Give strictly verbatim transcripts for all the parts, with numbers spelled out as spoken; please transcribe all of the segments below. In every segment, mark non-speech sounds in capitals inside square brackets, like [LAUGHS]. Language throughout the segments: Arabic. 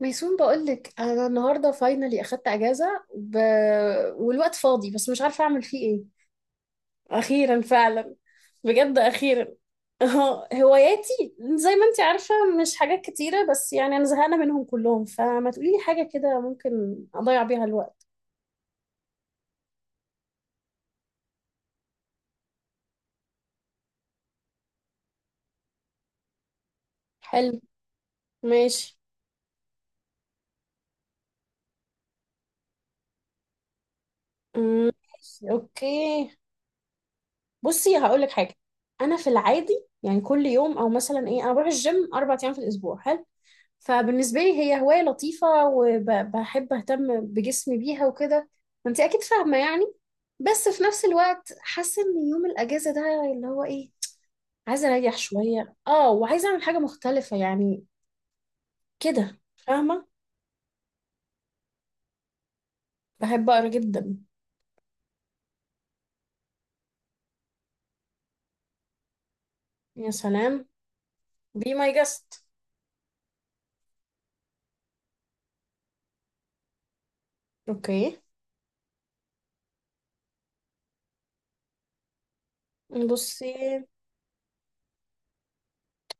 ميسون، بقولك انا النهارده فاينلي اخدت اجازه ب... والوقت فاضي، بس مش عارفه اعمل فيه ايه. اخيرا فعلا. بجد اخيرا [LAUGHS] اه، هواياتي زي ما انت عارفه مش حاجات كتيره، بس يعني انا زهقانه منهم كلهم، فما تقولي لي حاجه كده ممكن اضيع بيها الوقت. حلو. ماشي. مم، ماشي، اوكي. بصي هقولك حاجه. انا في العادي يعني كل يوم او مثلا ايه، انا بروح الجيم اربع ايام في الاسبوع، حلو. فبالنسبة لي هي هواية لطيفة وبحب أهتم بجسمي بيها وكده. انت أكيد فاهمة يعني. بس في نفس الوقت حاسة إن يوم الأجازة ده اللي هو إيه، عايزة أريح شوية، آه وعايزة أعمل حاجة مختلفة يعني، كده فاهمة. بحب أقرأ جدا. يا سلام. be my guest. أوكي. بصي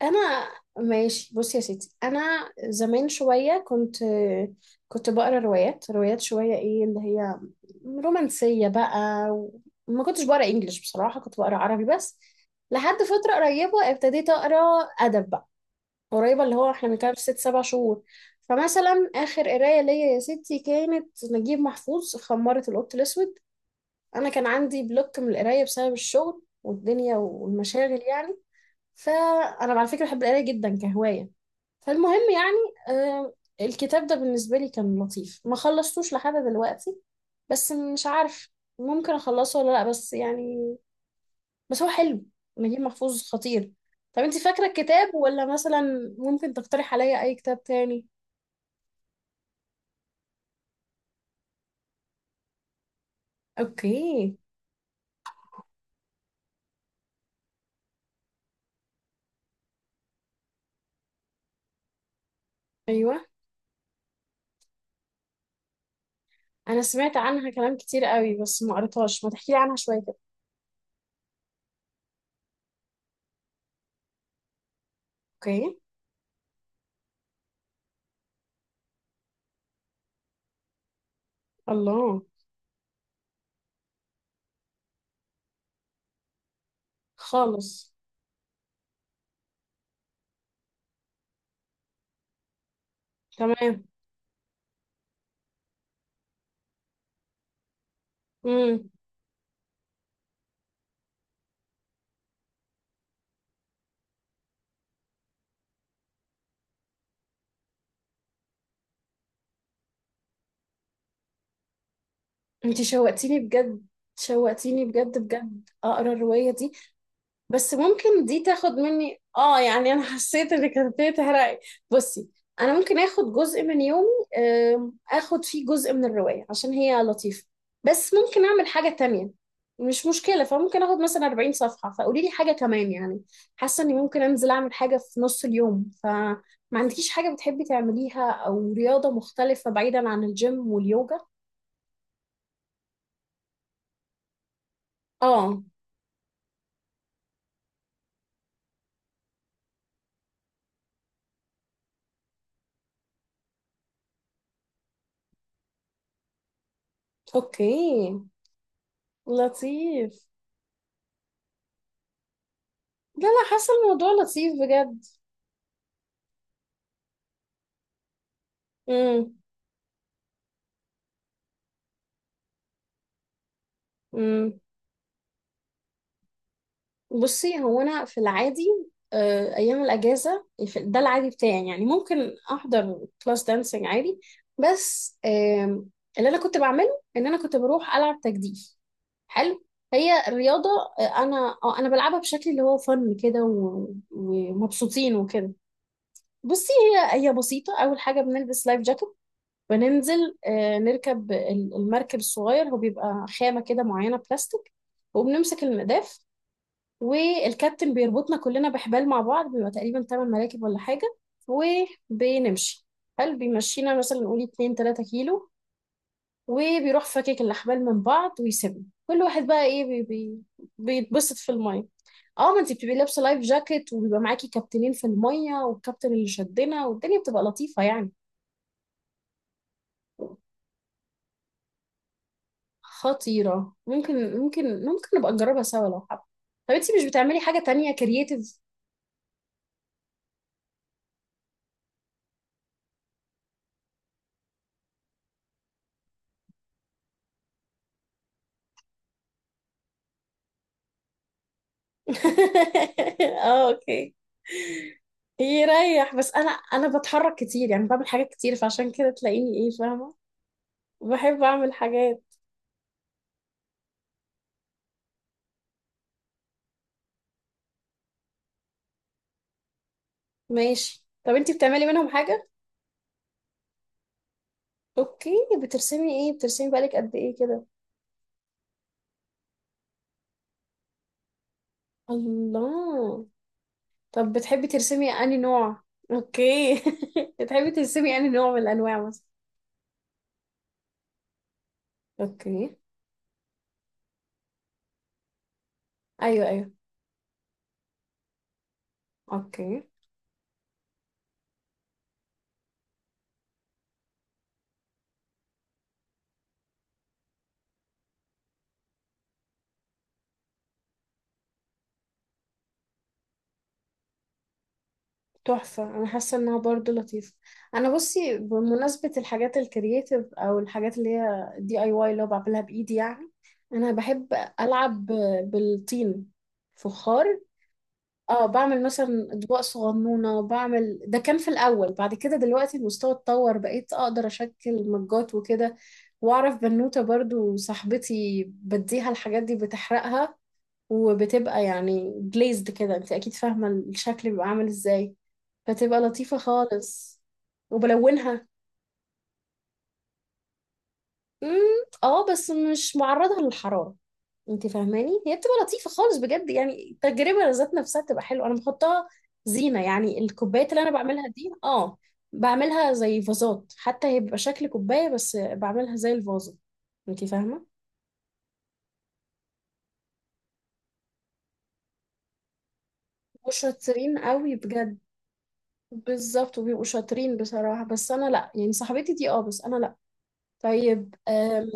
انا، ماشي، بصي يا ستي، انا زمان شويه كنت كنت بقرا روايات روايات شويه، ايه اللي هي رومانسيه بقى. وما كنتش بقرا انجليش، بصراحه كنت بقرا عربي بس. لحد فتره قريبه ابتديت اقرا ادب بقى. قريبه اللي هو احنا بنتكلم في ست سبع شهور. فمثلا اخر قرايه ليا يا ستي كانت نجيب محفوظ، خمارة القط الاسود. انا كان عندي بلوك من القرايه بسبب الشغل والدنيا والمشاغل يعني. فانا على فكره بحب القرايه جدا كهوايه. فالمهم يعني آه الكتاب ده بالنسبه لي كان لطيف، ما خلصتوش لحد دلوقتي. بس مش عارف ممكن اخلصه ولا لا، بس يعني، بس هو حلو. نجيب محفوظ خطير. طب انت فاكره الكتاب، ولا مثلا ممكن تقترح عليا اي كتاب تاني؟ اوكي. ايوه، انا سمعت عنها كلام كتير قوي بس ما قريتهاش، ما تحكي لي عنها شويه كده. اوكي. الله. خالص. تمام. انتي شوقتيني بجد. شوقتيني بجد بجد اقرا الرواية دي. بس ممكن دي تاخد مني، اه يعني انا [LAUGHS] حسيت انك هتبتدي تحرقي. بصي انا ممكن اخد جزء من يومي، آم، اخد فيه جزء من الرواية عشان هي لطيفة. بس ممكن اعمل حاجة تانية. مش مشكلة، فممكن اخد مثلا اربعين صفحة، فقولي لي حاجة كمان يعني. حاسة اني ممكن انزل اعمل حاجة في نص اليوم، فما عندكيش حاجة بتحبي تعمليها او رياضة مختلفة بعيدا عن الجيم واليوجا؟ اه. اوكي. لطيف. لا لا، حاسه الموضوع لطيف بجد. امم. امم. بصي هو انا في العادي، آه، ايام الاجازه في- ده العادي بتاعي، يعني ممكن احضر كلاس دانسينج عادي. بس آم، اللي انا كنت بعمله ان انا كنت بروح العب تجديف. حلو. هي الرياضه. آه، انا آه، انا بلعبها بشكل اللي هو فن كده، و- ومبسوطين وكده. بصي هي هي بسيطه. اول حاجه بنلبس لايف جاكيت. بننزل آه، نركب ال- المركب الصغير، هو بيبقى خامة كده معينة، بلاستيك. وبنمسك المداف. والكابتن بيربطنا كلنا بحبال مع بعض، بيبقى تقريبا تمن مراكب ولا حاجة. وبنمشي، هل بيمشينا مثلا نقول اثنين تلاتة كيلو، وبيروح فاكك الأحبال من بعض، ويسيبنا كل واحد بقى ايه، بي بي. بيتبسط في المية. اه، ما انت بتبقي لابسه لايف جاكيت وبيبقى معاكي كابتنين في الميه، والكابتن اللي شدنا، والدنيا بتبقى لطيفه يعني. خطيرة، ممكن ممكن ممكن نبقى نجربها سوا لو حابة. طب انتي مش بتعملي حاجة تانية كرييتيف؟ [LAUGHS] اه، اوكي. يريح، بس انا انا بتحرك كتير يعني، بعمل حاجات كتير، فعشان كده تلاقيني ايه، فاهمة. بحب اعمل حاجات. ماشي، طب انتي بتعملي منهم حاجة؟ اوكي. بترسمي ايه؟ بترسمي بقالك قد ايه كده؟ الله. طب بتحبي ترسمي انهي نوع؟ اوكي. [LAUGHS] بتحبي ترسمي انهي نوع من الانواع مثلا؟ اوكي. ايوه ايوه. اوكي. تحفة، أنا حاسة إنها برضو لطيفة. أنا بصي بمناسبة الحاجات الكرياتيف أو الحاجات اللي هي دي أي واي اللي هو بعملها بإيدي يعني، أنا بحب ألعب بالطين، فخار. اه، بعمل مثلا أطباق صغنونة. بعمل ده كان في الأول، بعد كده دلوقتي المستوى اتطور، بقيت أقدر أشكل مجات وكده. وأعرف بنوتة برضو صاحبتي بديها الحاجات دي بتحرقها، وبتبقى يعني جليزد كده، انت اكيد فاهمة الشكل بيبقى عامل ازاي. فتبقى لطيفة خالص. وبلونها. مم، اه، بس مش معرضة للحرارة. انت فاهماني، هي بتبقى لطيفة خالص بجد، يعني التجربة ذات نفسها بتبقى حلوة. انا بحطها زينة يعني. الكوبايات اللي انا بعملها دي، اه، بعملها زي فازات حتى، هي بيبقى شكل كوباية بس بعملها زي الفازة، انت فاهمة. مش شاطرين قوي بجد. بالظبط، وبيبقوا شاطرين بصراحة، بس أنا لأ يعني، صاحبتي دي، اه، بس أنا لأ. طيب، آم،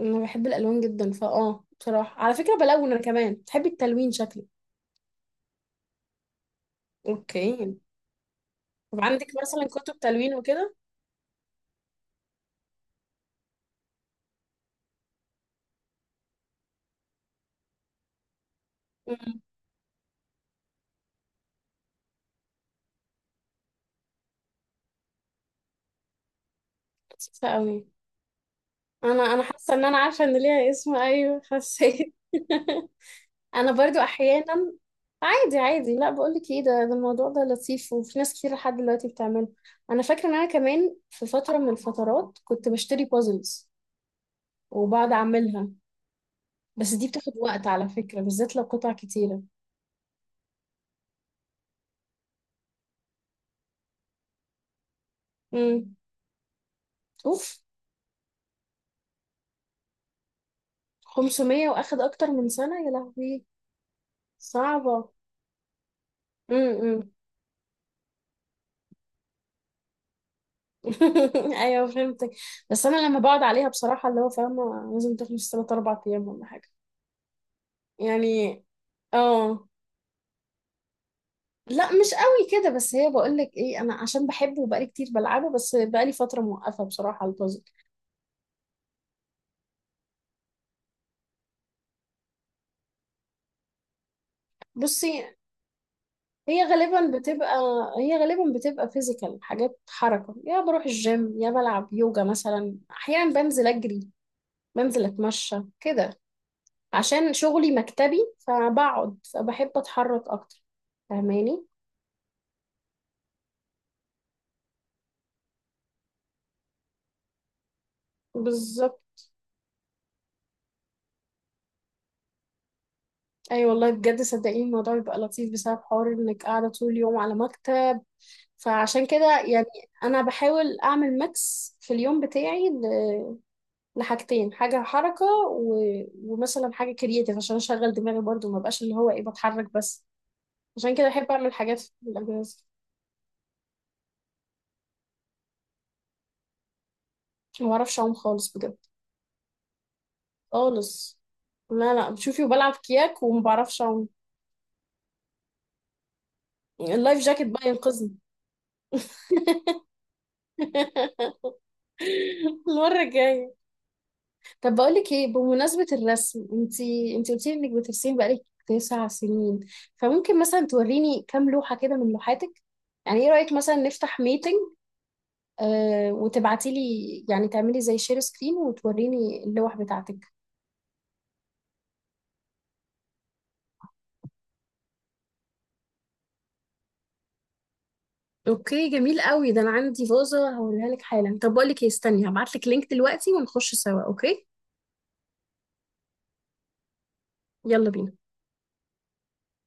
أنا بحب الألوان جدا فاه بصراحة على فكرة بلون أنا كمان. بتحبي التلوين شكلي؟ أوكي. طب عندك مثلا كتب تلوين وكده؟ أمم، لطيفة أوي. أنا أنا حاسة إن أنا عارفة إن ليها اسم، أيوه حسيت. [LAUGHS] أنا برضو أحيانا، عادي عادي. لأ بقولك إيه، ده ده الموضوع ده لطيف، وفي ناس كتير لحد دلوقتي بتعمله. أنا فاكرة إن أنا كمان في فترة من الفترات كنت بشتري بازلز، وبقعد اعملها، بس دي بتاخد وقت على فكرة، بالذات لو قطع كتيرة. امم. اوف. خمسمية واخد اكتر من سنة، يا لهوي. صعبة. امم. [LAUGHS] ايوه فهمتك. بس انا لما بقعد عليها بصراحة اللي هو، فاهمة، لازم تخلص ثلاث اربع ايام ولا حاجة يعني. اه، لا مش قوي كده، بس هي، بقول لك ايه، انا عشان بحبه وبقالي كتير بلعبه، بس بقالي فترة موقفة بصراحة البازل. بصي، هي غالبا بتبقى هي غالبا بتبقى فيزيكال. حاجات حركة، يا بروح الجيم يا بلعب يوجا مثلا، أحيانا بنزل أجري، بنزل أتمشى كده. عشان شغلي مكتبي فبقعد، فبحب أتحرك أكتر، فاهماني. بالظبط. أي والله بجد صدقيني الموضوع بيبقى لطيف، بسبب حوار إنك قاعدة طول اليوم على مكتب. فعشان كده يعني، أنا بحاول أعمل ميكس في اليوم بتاعي لحاجتين، حاجة حركة و... ومثلا حاجة كرياتيف عشان أشغل دماغي برضو، ما بقاش اللي هو إيه بتحرك بس. عشان كده أحب أعمل حاجات في الأجازة. عشان ما بعرفش أعوم خالص بجد. خالص. لا لا، بشوفي وبلعب كياك وما بعرفش أعوم. اللايف جاكيت بقى ينقذني. [LAUGHS] المرة الجاية. طب بقول لك ايه، بمناسبة الرسم، انتي انتي قلتي لي انك بترسمي بقالك تسع سنين. فممكن مثلا توريني كام لوحة كده من لوحاتك، يعني ايه رأيك مثلا نفتح ميتنج، آه وتبعتي لي يعني، تعملي زي شير سكرين وتوريني اللوح بتاعتك. اوكي جميل قوي ده. انا عندي فازة هوريها لك حالا. طب بقول لك ايه، استني هبعت لك لينك دلوقتي ونخش سوا، اوكي؟ يلا بينا.